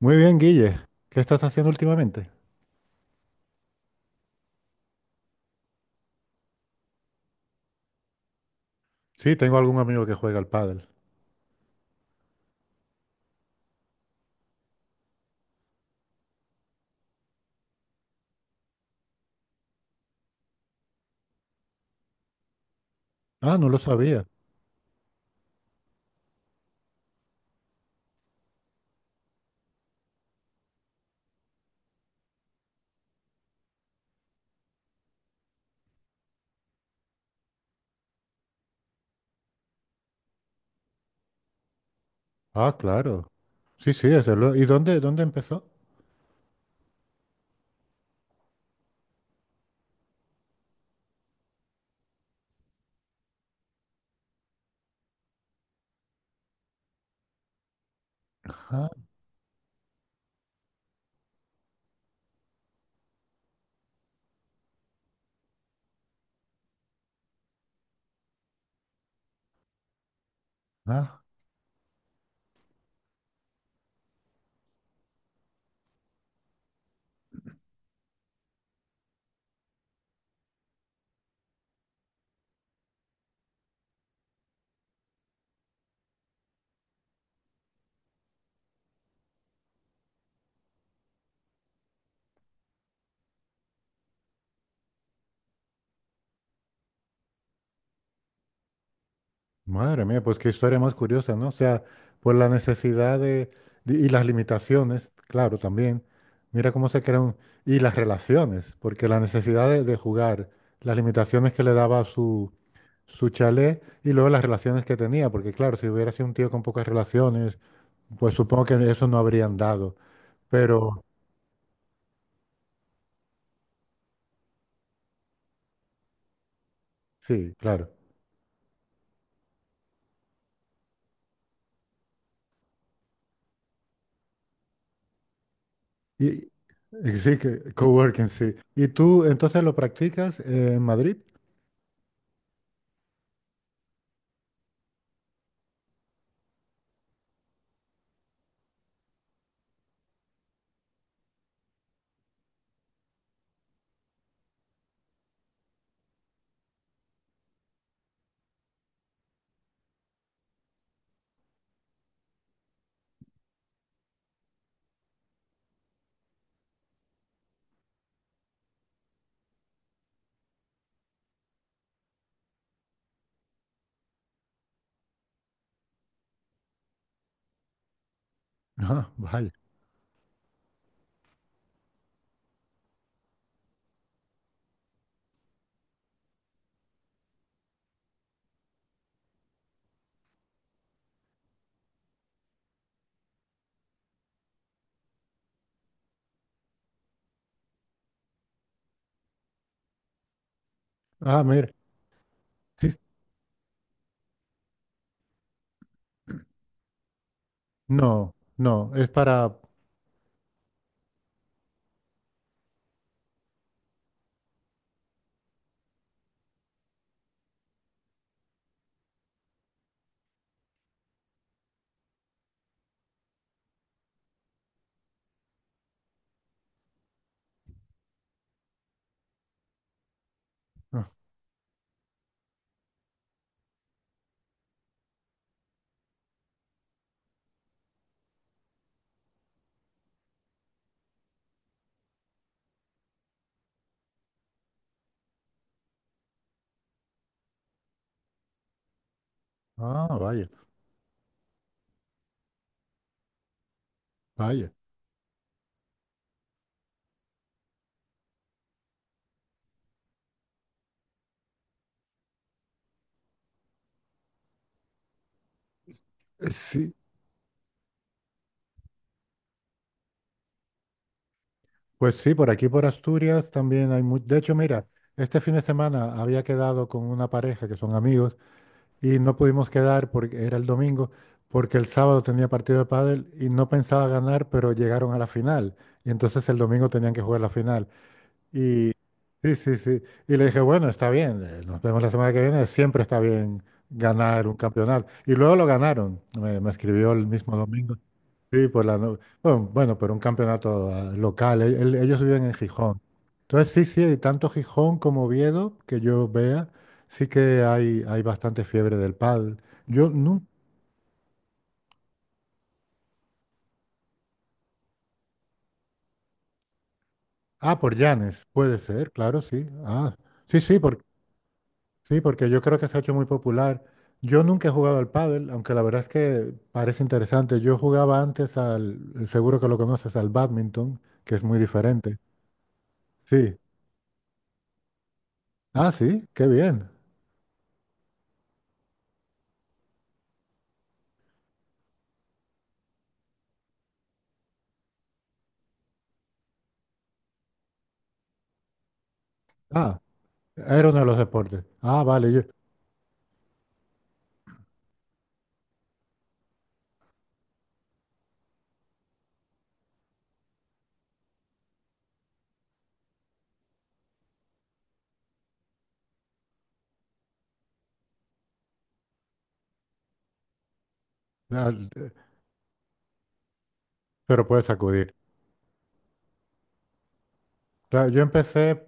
Muy bien, Guille. ¿Qué estás haciendo últimamente? Sí, tengo algún amigo que juega al pádel. Ah, no lo sabía. Ah, claro. Sí, sí, desde luego. ¿Y dónde empezó? Ajá. Ah. Madre mía, pues qué historia más curiosa, ¿no? O sea, por la necesidad de y las limitaciones, claro, también. Mira cómo se crean, y las relaciones, porque la necesidad de jugar, las limitaciones que le daba su, su chalet y luego las relaciones que tenía, porque claro, si hubiera sido un tío con pocas relaciones, pues supongo que eso no habrían dado. Pero sí, claro. Y, y sí, que coworking, sí. ¿Y tú entonces lo practicas en Madrid? Ah, vaya. Ah, mira. Sí. No, no, es para... Ah, vaya, vaya. Sí, pues sí, por aquí por Asturias también hay mucho... De hecho, mira, este fin de semana había quedado con una pareja que son amigos y no pudimos quedar porque era el domingo, porque el sábado tenía partido de pádel y no pensaba ganar, pero llegaron a la final. Y entonces el domingo tenían que jugar la final. Sí, sí, sí. Y le dije, bueno, está bien, nos vemos la semana que viene, siempre está bien ganar un campeonato. Y luego lo ganaron, me escribió el mismo domingo. Sí, por la no- Bueno, bueno, por un campeonato local, ellos viven en Gijón. Entonces, sí, sí, tanto Gijón como Oviedo, que yo vea, sí que hay bastante fiebre del pádel. Yo no... Ah, por Llanes, puede ser, claro, sí. Ah, sí, sí. Sí, porque yo creo que se ha hecho muy popular. Yo nunca he jugado al pádel, aunque la verdad es que parece interesante. Yo jugaba antes al, seguro que lo conoces, al bádminton, que es muy diferente. Sí. Ah, sí, qué bien. Ah, era uno de los deportes. Ah, vale, yo, ah, pero puedes acudir. Claro,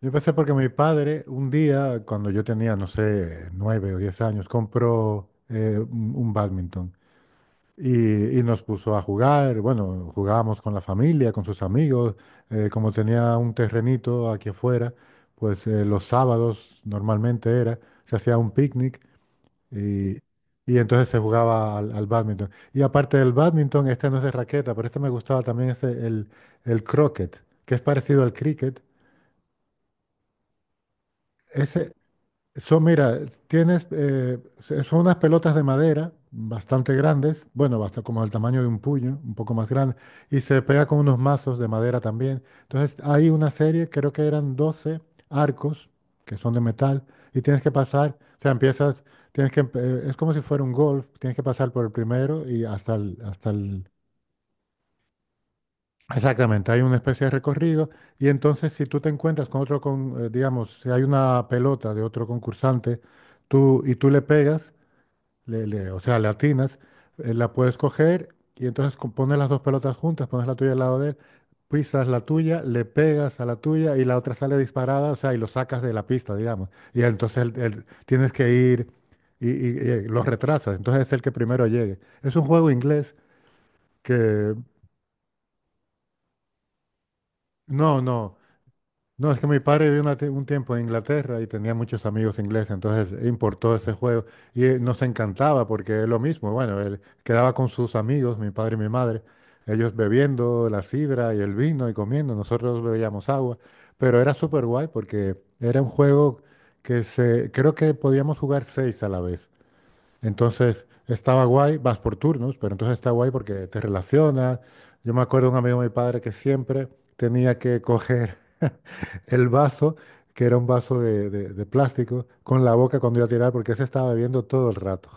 yo empecé porque mi padre un día, cuando yo tenía, no sé, nueve o diez años, compró un, badminton. Y nos puso a jugar, bueno, jugábamos con la familia, con sus amigos, como tenía un terrenito aquí afuera, pues los sábados normalmente era, se hacía un picnic y, y entonces se jugaba al, al bádminton. Y aparte del bádminton, este no es de raqueta, pero este me gustaba también, es el croquet, que es parecido al cricket. Ese, son, mira, tienes, son unas pelotas de madera bastante grandes, bueno, basta como del tamaño de un puño, un poco más grande, y se pega con unos mazos de madera también. Entonces, hay una serie, creo que eran 12 arcos que son de metal, y tienes que pasar, o sea, empiezas, tienes que, es como si fuera un golf, tienes que pasar por el primero y hasta el, hasta el... Exactamente, hay una especie de recorrido y entonces si tú te encuentras con otro, con, digamos, si hay una pelota de otro concursante tú, y tú le pegas, o sea, le atinas, la puedes coger y entonces pones las dos pelotas juntas, pones la tuya al lado de él, pisas la tuya, le pegas a la tuya y la otra sale disparada, o sea, y lo sacas de la pista, digamos. Y entonces tienes que ir lo retrasas, entonces es el que primero llegue. Es un juego inglés que... No, no. No, es que mi padre vivió un tiempo en Inglaterra y tenía muchos amigos ingleses, entonces importó ese juego y nos encantaba porque es lo mismo, bueno, él quedaba con sus amigos, mi padre y mi madre, ellos bebiendo la sidra y el vino y comiendo, nosotros bebíamos agua, pero era súper guay porque era un juego que se, creo que podíamos jugar seis a la vez, entonces estaba guay, vas por turnos, pero entonces está guay porque te relacionas, yo me acuerdo de un amigo de mi padre que siempre tenía que coger el vaso, que era un vaso de plástico, con la boca cuando iba a tirar, porque ese estaba bebiendo todo el rato.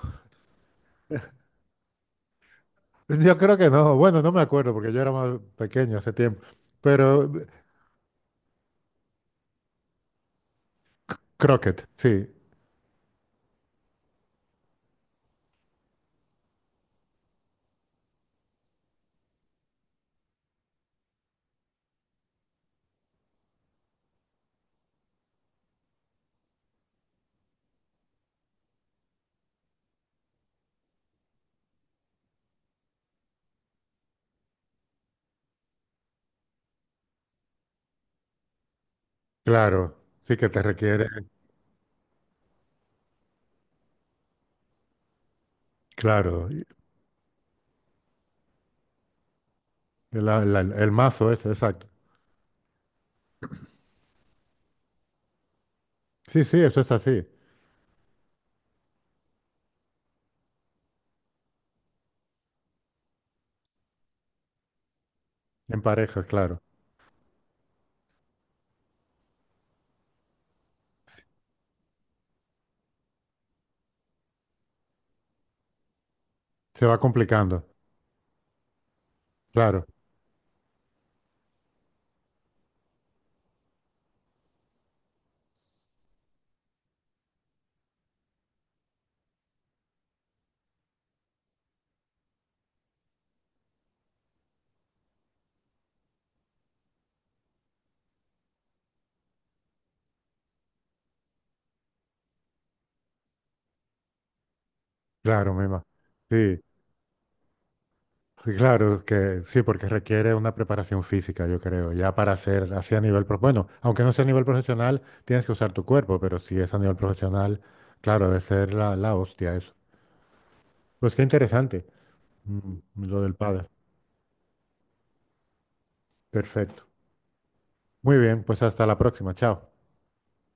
Yo creo que no, bueno, no me acuerdo, porque yo era más pequeño hace tiempo, pero croquet, sí, claro, sí que te requiere, claro, y el mazo ese, exacto. Sí, sí, eso es así, en parejas, claro. Se va complicando, claro, claro, mima. Sí. Sí, claro, que sí, porque requiere una preparación física, yo creo, ya para hacer así a nivel, bueno, aunque no sea a nivel profesional, tienes que usar tu cuerpo, pero si es a nivel profesional, claro, debe ser la, la hostia eso. Pues qué interesante, mm, lo del padre. Perfecto. Muy bien, pues hasta la próxima, chao.